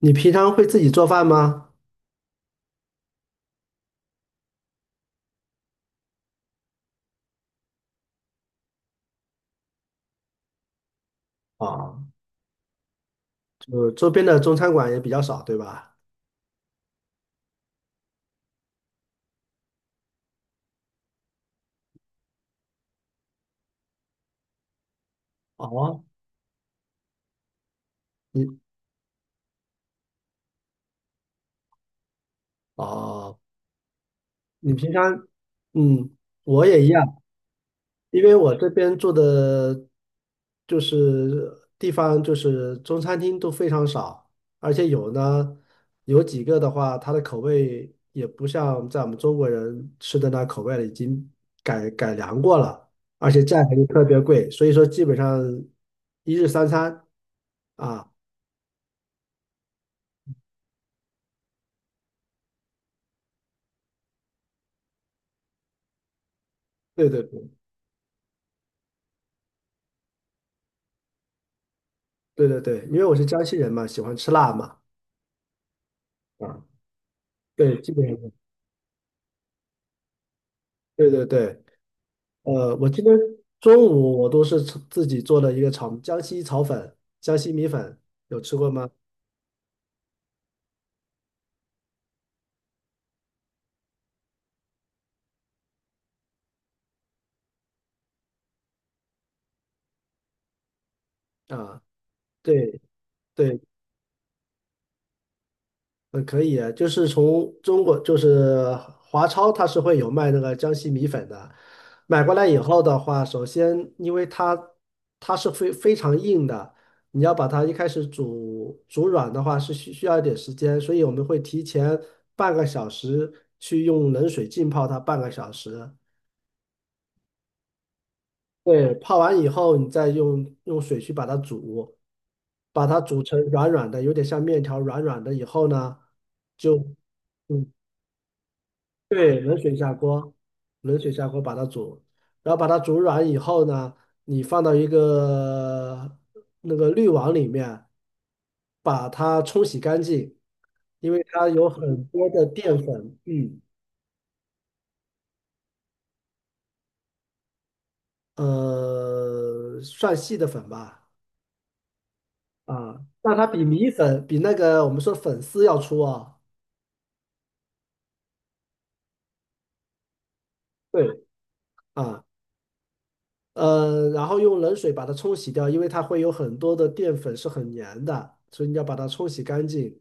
你平常会自己做饭吗？啊，就周边的中餐馆也比较少，对吧？哦，你哦，你平常，嗯，我也一样，因为我这边住的，就是地方，就是中餐厅都非常少，而且有几个的话，它的口味也不像在我们中国人吃的那口味了，已经改良过了，而且价格又特别贵，所以说基本上一日三餐啊。对对对对对对，因为我是江西人嘛，喜欢吃辣嘛，啊，对，基本上是对对对，我今天中午我都是自己做了一个江西炒粉，江西米粉，有吃过吗？啊，对对嗯，可以啊，就是从中国，就是华超，它是会有卖那个江西米粉的。买过来以后的话，首先因为它是非常硬的，你要把它一开始煮软的话是需要一点时间，所以我们会提前半个小时去用冷水浸泡它半个小时。对，泡完以后，你再用水去把它煮，把它煮成软软的，有点像面条软软的以后呢，就。嗯对，冷水下锅把它煮，然后把它煮软以后呢，你放到一个那个滤网里面，把它冲洗干净，因为它有很多的淀粉，嗯，算细的粉吧，啊，但它比米粉比那个我们说粉丝要粗啊，对，啊，然后用冷水把它冲洗掉，因为它会有很多的淀粉是很粘的，所以你要把它冲洗干净。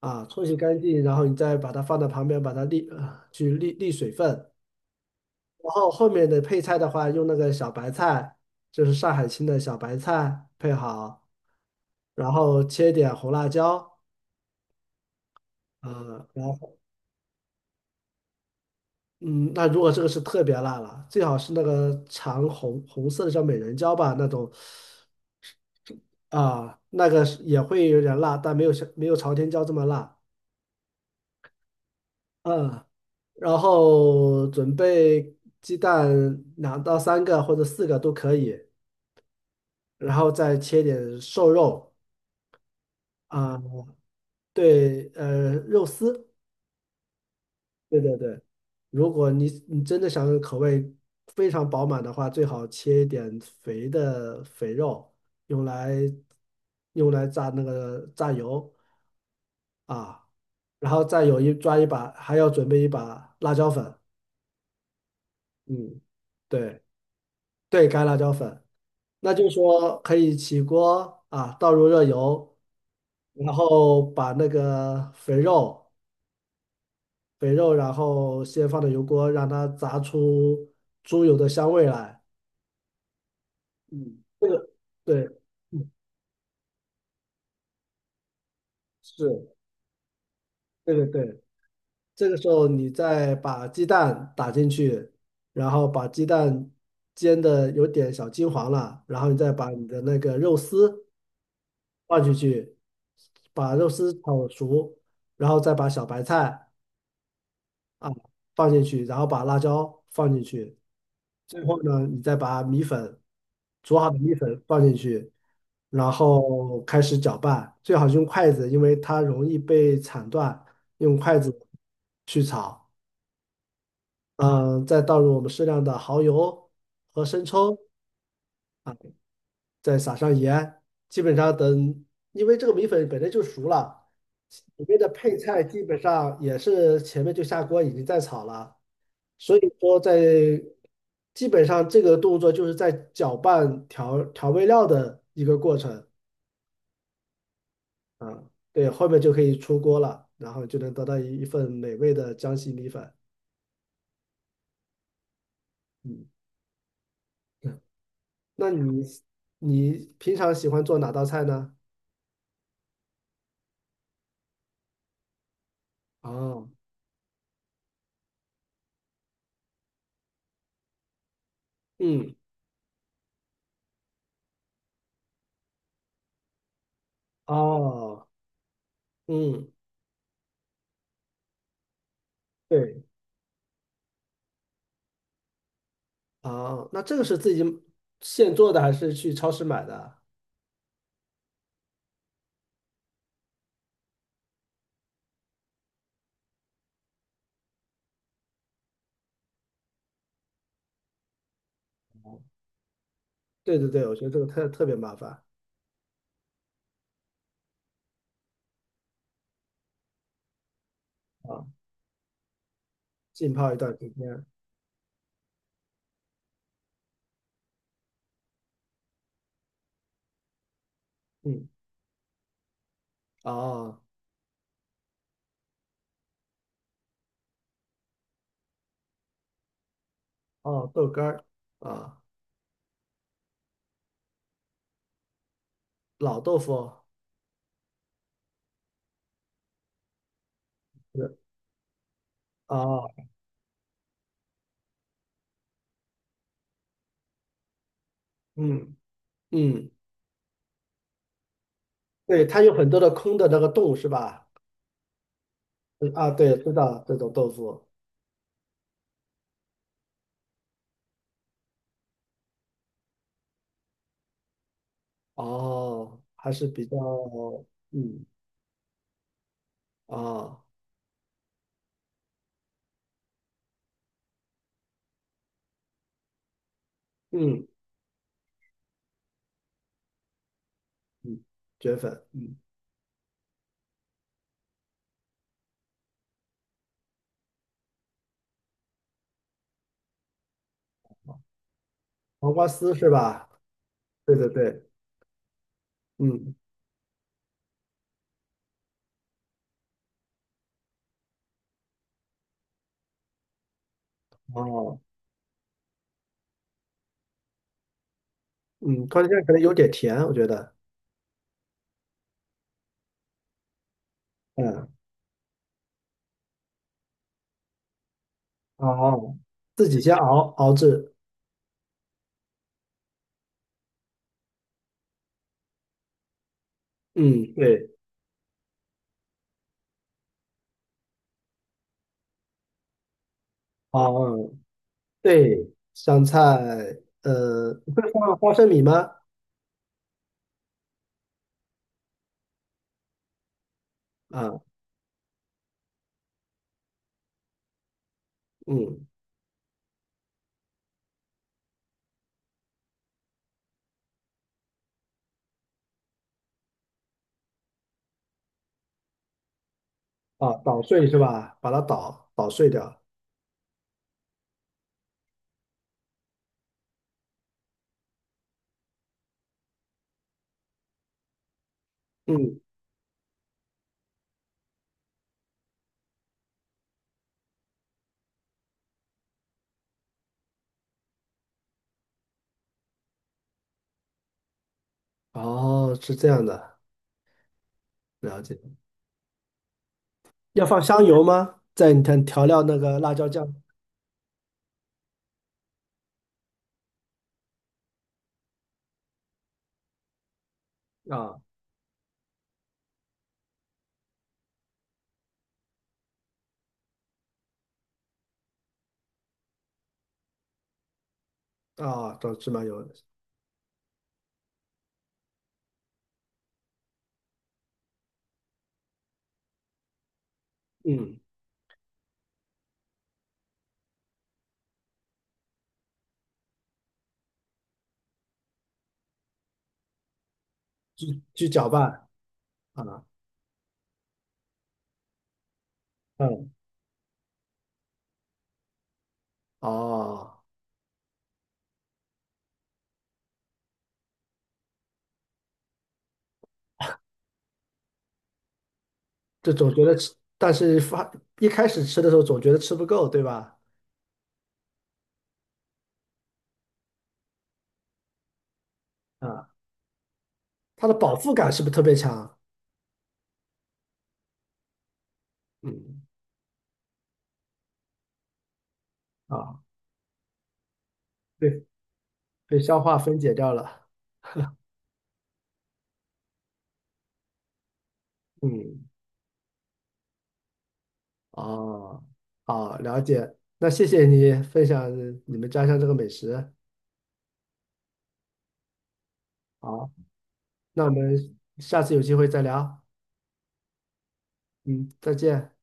啊，冲洗干净，然后你再把它放到旁边，把它沥呃去沥沥水分。然后后面的配菜的话，用那个小白菜，就是上海青的小白菜配好，然后切点红辣椒，呃，然后嗯，那如果这个是特别辣了，最好是那个长红色的叫美人椒吧，那种啊，那个是也会有点辣，但没有像没有朝天椒这么辣。嗯，然后准备鸡蛋两到三个或者四个都可以，然后再切点瘦肉啊，对，肉丝，对对对。如果你真的想口味非常饱满的话，最好切一点肥肉，用来用来炸那个炸油啊，然后再有一把，还要准备一把辣椒粉，嗯，对对，干辣椒粉。那就是说可以起锅啊，倒入热油，然后把那个肥肉，然后先放到油锅，让它炸出猪油的香味来。嗯，这个对，嗯是，对对对。这个时候你再把鸡蛋打进去，然后把鸡蛋煎的有点小金黄了，然后你再把你的那个肉丝放进去，把肉丝炒熟，然后再把小白菜。啊，放进去，然后把辣椒放进去，最后呢，你再把煮好的米粉放进去，然后开始搅拌，最好是用筷子，因为它容易被铲断，用筷子去炒。嗯，再倒入我们适量的蚝油和生抽啊，再撒上盐，基本上，因为这个米粉本来就熟了，里面的配菜基本上也是前面就下锅已经在炒了。所以说基本上这个动作就是在搅拌调味料的一个过程啊，对，后面就可以出锅了，然后就能得到一份美味的江西米粉。嗯，那你平常喜欢做哪道菜呢？哦，嗯，哦，嗯，对，哦，那这个是自己现做的还是去超市买的？哦对对对，我觉得这个特别麻烦啊，浸泡一段时间。嗯，哦。哦，豆干儿啊，老豆腐是啊，嗯嗯，对，它有很多的空的那个洞是吧？对啊，对，知道这种豆腐哦，还是比较嗯啊，嗯嗯，卷粉嗯，黄瓜丝是吧？对对对，嗯哦嗯，烤鸡可能有点甜，我觉得嗯哦，自己先熬制，嗯对，哦嗯对，香菜，你会放花生米吗？啊，嗯，啊，捣碎是吧？把它捣碎掉。嗯，哦，是这样的，了解。要放香油吗？在你看调料那个辣椒酱啊啊，找芝麻油，嗯，去搅拌啊，嗯，哦，这总觉得吃，但是一开始吃的时候总觉得吃不够，对吧？啊，它的饱腹感是不是特别强？嗯，啊。对。被消化分解掉了。嗯，哦，好，了解。那谢谢你分享你们家乡这个美食。好，那我们下次有机会再聊。嗯，再见。